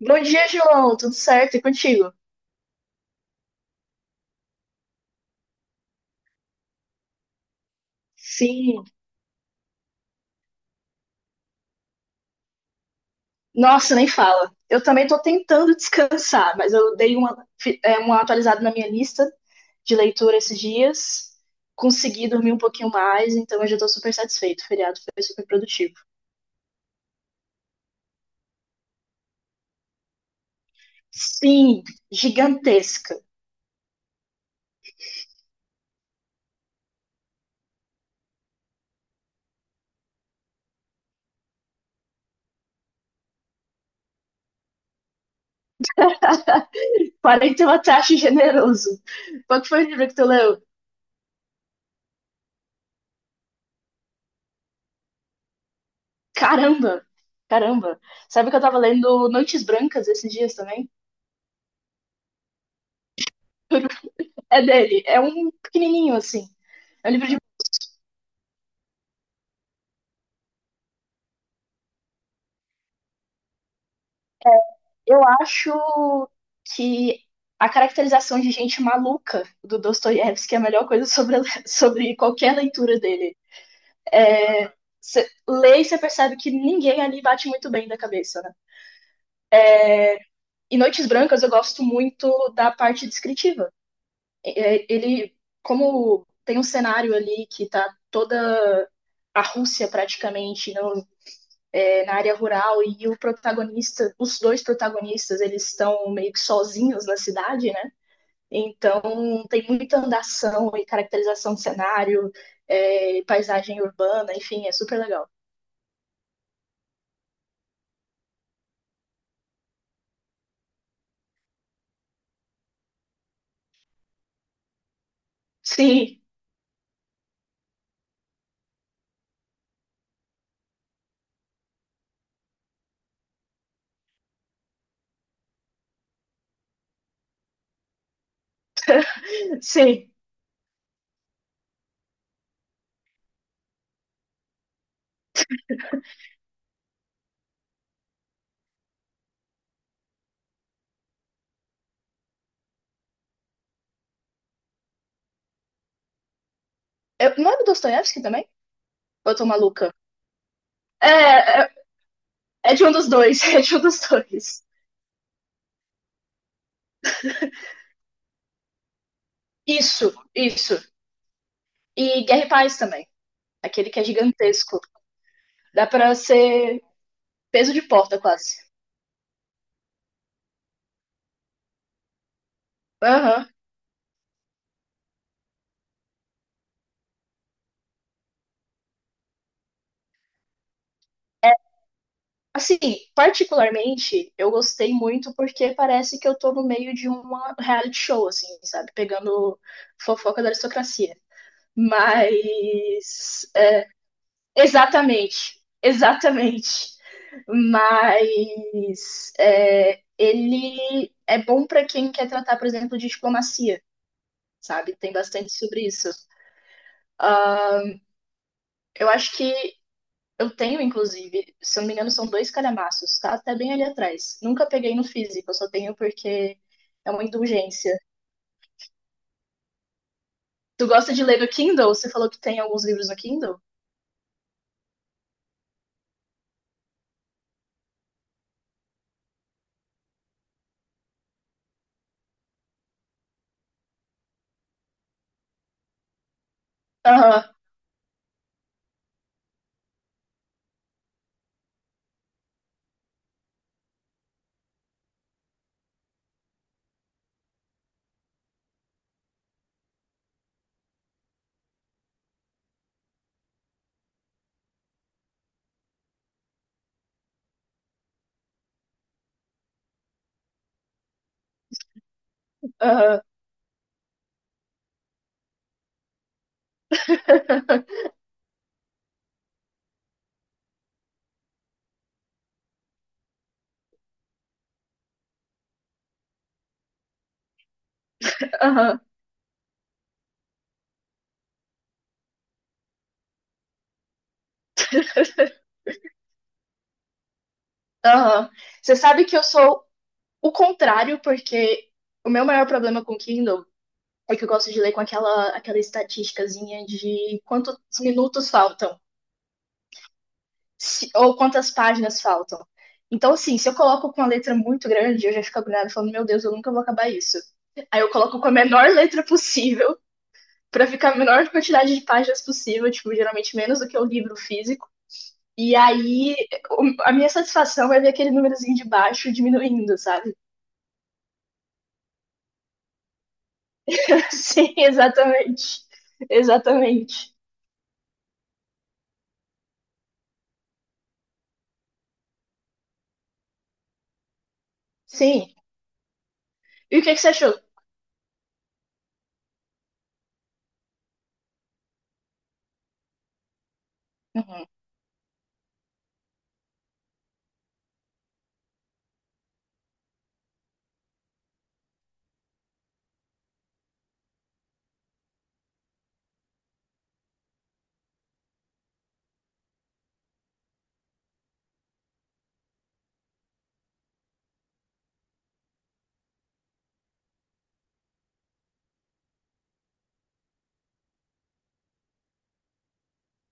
Bom dia, João. Tudo certo? E contigo? Sim. Nossa, nem fala. Eu também estou tentando descansar, mas eu dei uma atualizada na minha lista de leitura esses dias. Consegui dormir um pouquinho mais, então eu já estou super satisfeito. O feriado foi super produtivo. Sim, gigantesca. 41 taxa generoso. Qual que foi o livro que tu leu? Caramba! Caramba! Sabe que eu tava lendo Noites Brancas esses dias também? É dele. É um pequenininho, assim. É um livro de. Eu acho que a caracterização de gente maluca do Dostoiévski é a melhor coisa sobre, sobre qualquer leitura dele. Você lê e você percebe que ninguém ali bate muito bem da cabeça, né? E Noites Brancas eu gosto muito da parte descritiva. Ele como tem um cenário ali que tá toda a Rússia praticamente na área rural e o protagonista, os dois protagonistas, eles estão meio que sozinhos na cidade, né? Então, tem muita andação e caracterização de cenário, paisagem urbana, enfim, é super legal. Sim, sim. Não é do Dostoiévski também? Ou eu tô maluca? É, é, é de um dos dois, é de um dos dois. Isso, isso. E Guerra e Paz também, aquele que é gigantesco. Dá pra ser peso de porta quase. Aham. Assim, particularmente, eu gostei muito porque parece que eu tô no meio de uma reality show, assim, sabe? Pegando fofoca da aristocracia. Mas. é, Exatamente, exatamente. Ele é bom pra quem quer tratar, por exemplo, de diplomacia, sabe? Tem bastante sobre isso. Ah, eu acho que eu tenho, inclusive, se eu não me engano, são dois calhamaços, tá até bem ali atrás. Nunca peguei no físico, eu só tenho porque é uma indulgência. Tu gosta de ler no Kindle? Você falou que tem alguns livros no Kindle? Aham, aham, aham, aham. Você sabe que eu sou o contrário, porque o meu maior problema com o Kindle é que eu gosto de ler com aquela estatísticazinha de quantos minutos faltam. Ou quantas páginas faltam. Então, assim, se eu coloco com uma letra muito grande, eu já fico agoniada falando, meu Deus, eu nunca vou acabar isso. Aí eu coloco com a menor letra possível, pra ficar a menor quantidade de páginas possível, tipo, geralmente menos do que o livro físico. E aí, a minha satisfação é ver aquele númerozinho de baixo diminuindo, sabe? Sim, exatamente. Exatamente. Sim. E o que que você achou? Uhum.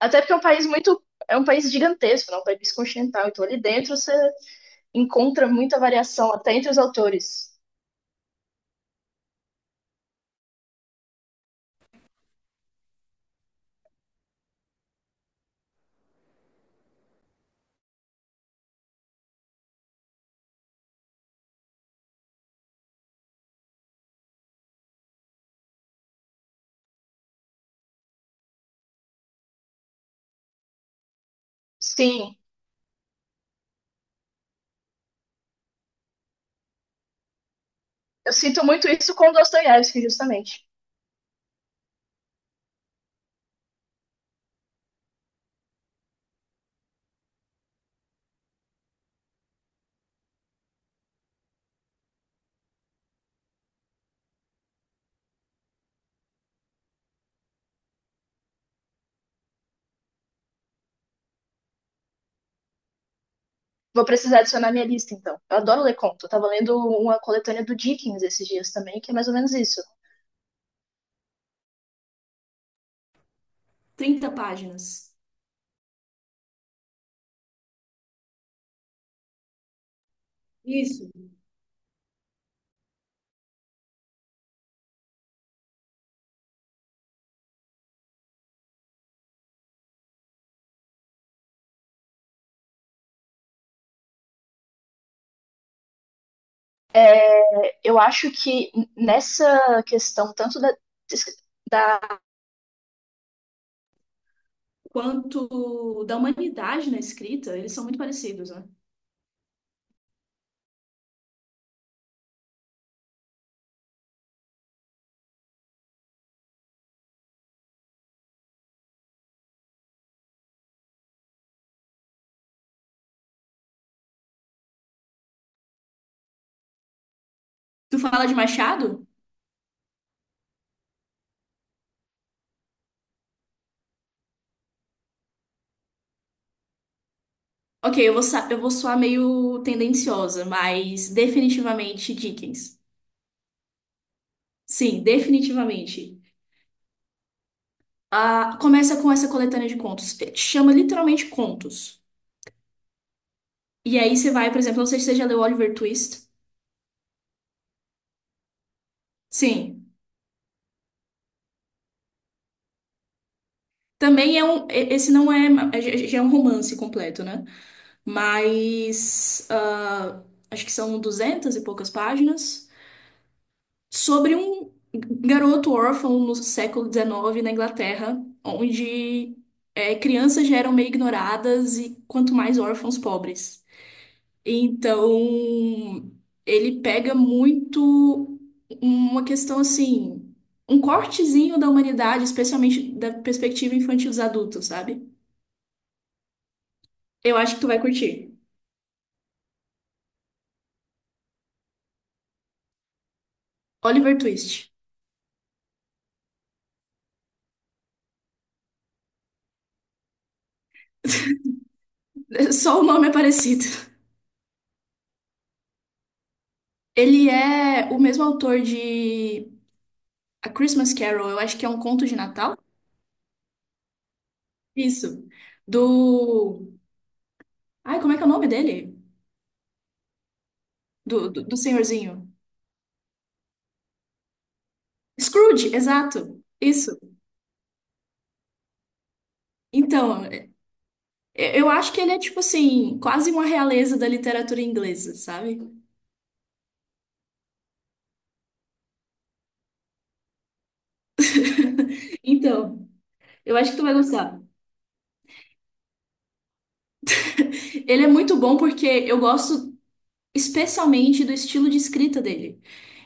Até porque é um país muito. É um país gigantesco, não? É um país continental. Então, ali dentro, você encontra muita variação até entre os autores. Sim, eu sinto muito isso com Dostoiévski, justamente. Vou precisar adicionar minha lista, então. Eu adoro ler conto. Eu tava lendo uma coletânea do Dickens esses dias também, que é mais ou menos isso. Eu acho que nessa questão, tanto da quanto da humanidade na escrita, eles são muito parecidos, né? Tu fala de Machado? Ok, eu vou soar meio tendenciosa, mas definitivamente Dickens. Sim, definitivamente. Ah, começa com essa coletânea de contos. Chama literalmente contos. E aí você vai, por exemplo, não sei se você já leu Oliver Twist. Sim. Também é um. Esse não é. Já já é um romance completo, né? Mas. ah, acho que são 200 e poucas páginas. Sobre um garoto órfão no século XIX na Inglaterra, onde crianças já eram meio ignoradas e quanto mais órfãos pobres. Então, ele pega muito uma questão assim, um cortezinho da humanidade, especialmente da perspectiva infantil dos adultos, sabe? Eu acho que tu vai curtir. Oliver Twist. So, ele é o mesmo autor que A Christmas Carol, é um conto de Natal? Isso. Do. Ai, como é que é o nome dele? Do senhorzinho. Scrooge, exato. Isso. Então, eu acho que ele é tipo assim, quase uma realeza da literatura inglesa, sabe? Então, eu acho que tu vai gostar. Ele é muito bom porque eu gosto especialmente do estilo de escrita dele.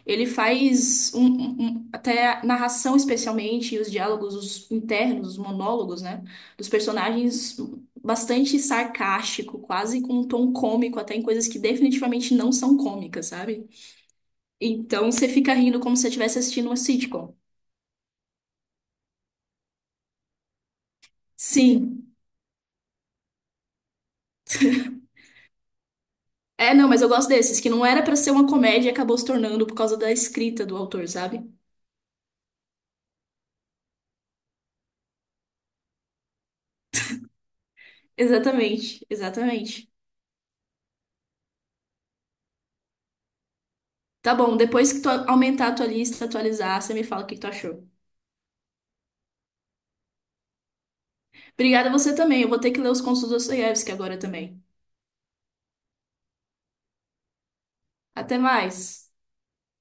Ele faz até a narração, especialmente, e os diálogos os internos, os monólogos, né? Dos personagens bastante sarcástico, quase com um tom cômico, até em coisas que definitivamente não são cômicas, sabe? Então você fica rindo como se você estivesse assistindo uma sitcom. Sim. É, não, mas eu gosto desses, que não era pra ser uma comédia e acabou se tornando por causa da escrita do autor, sabe? Exatamente, exatamente. Tá bom, depois que tu aumentar a tua lista, atualizar, você me fala o que tu achou. Obrigada a você também. Eu vou ter que ler os contos do Dostoiévski agora também. Até mais.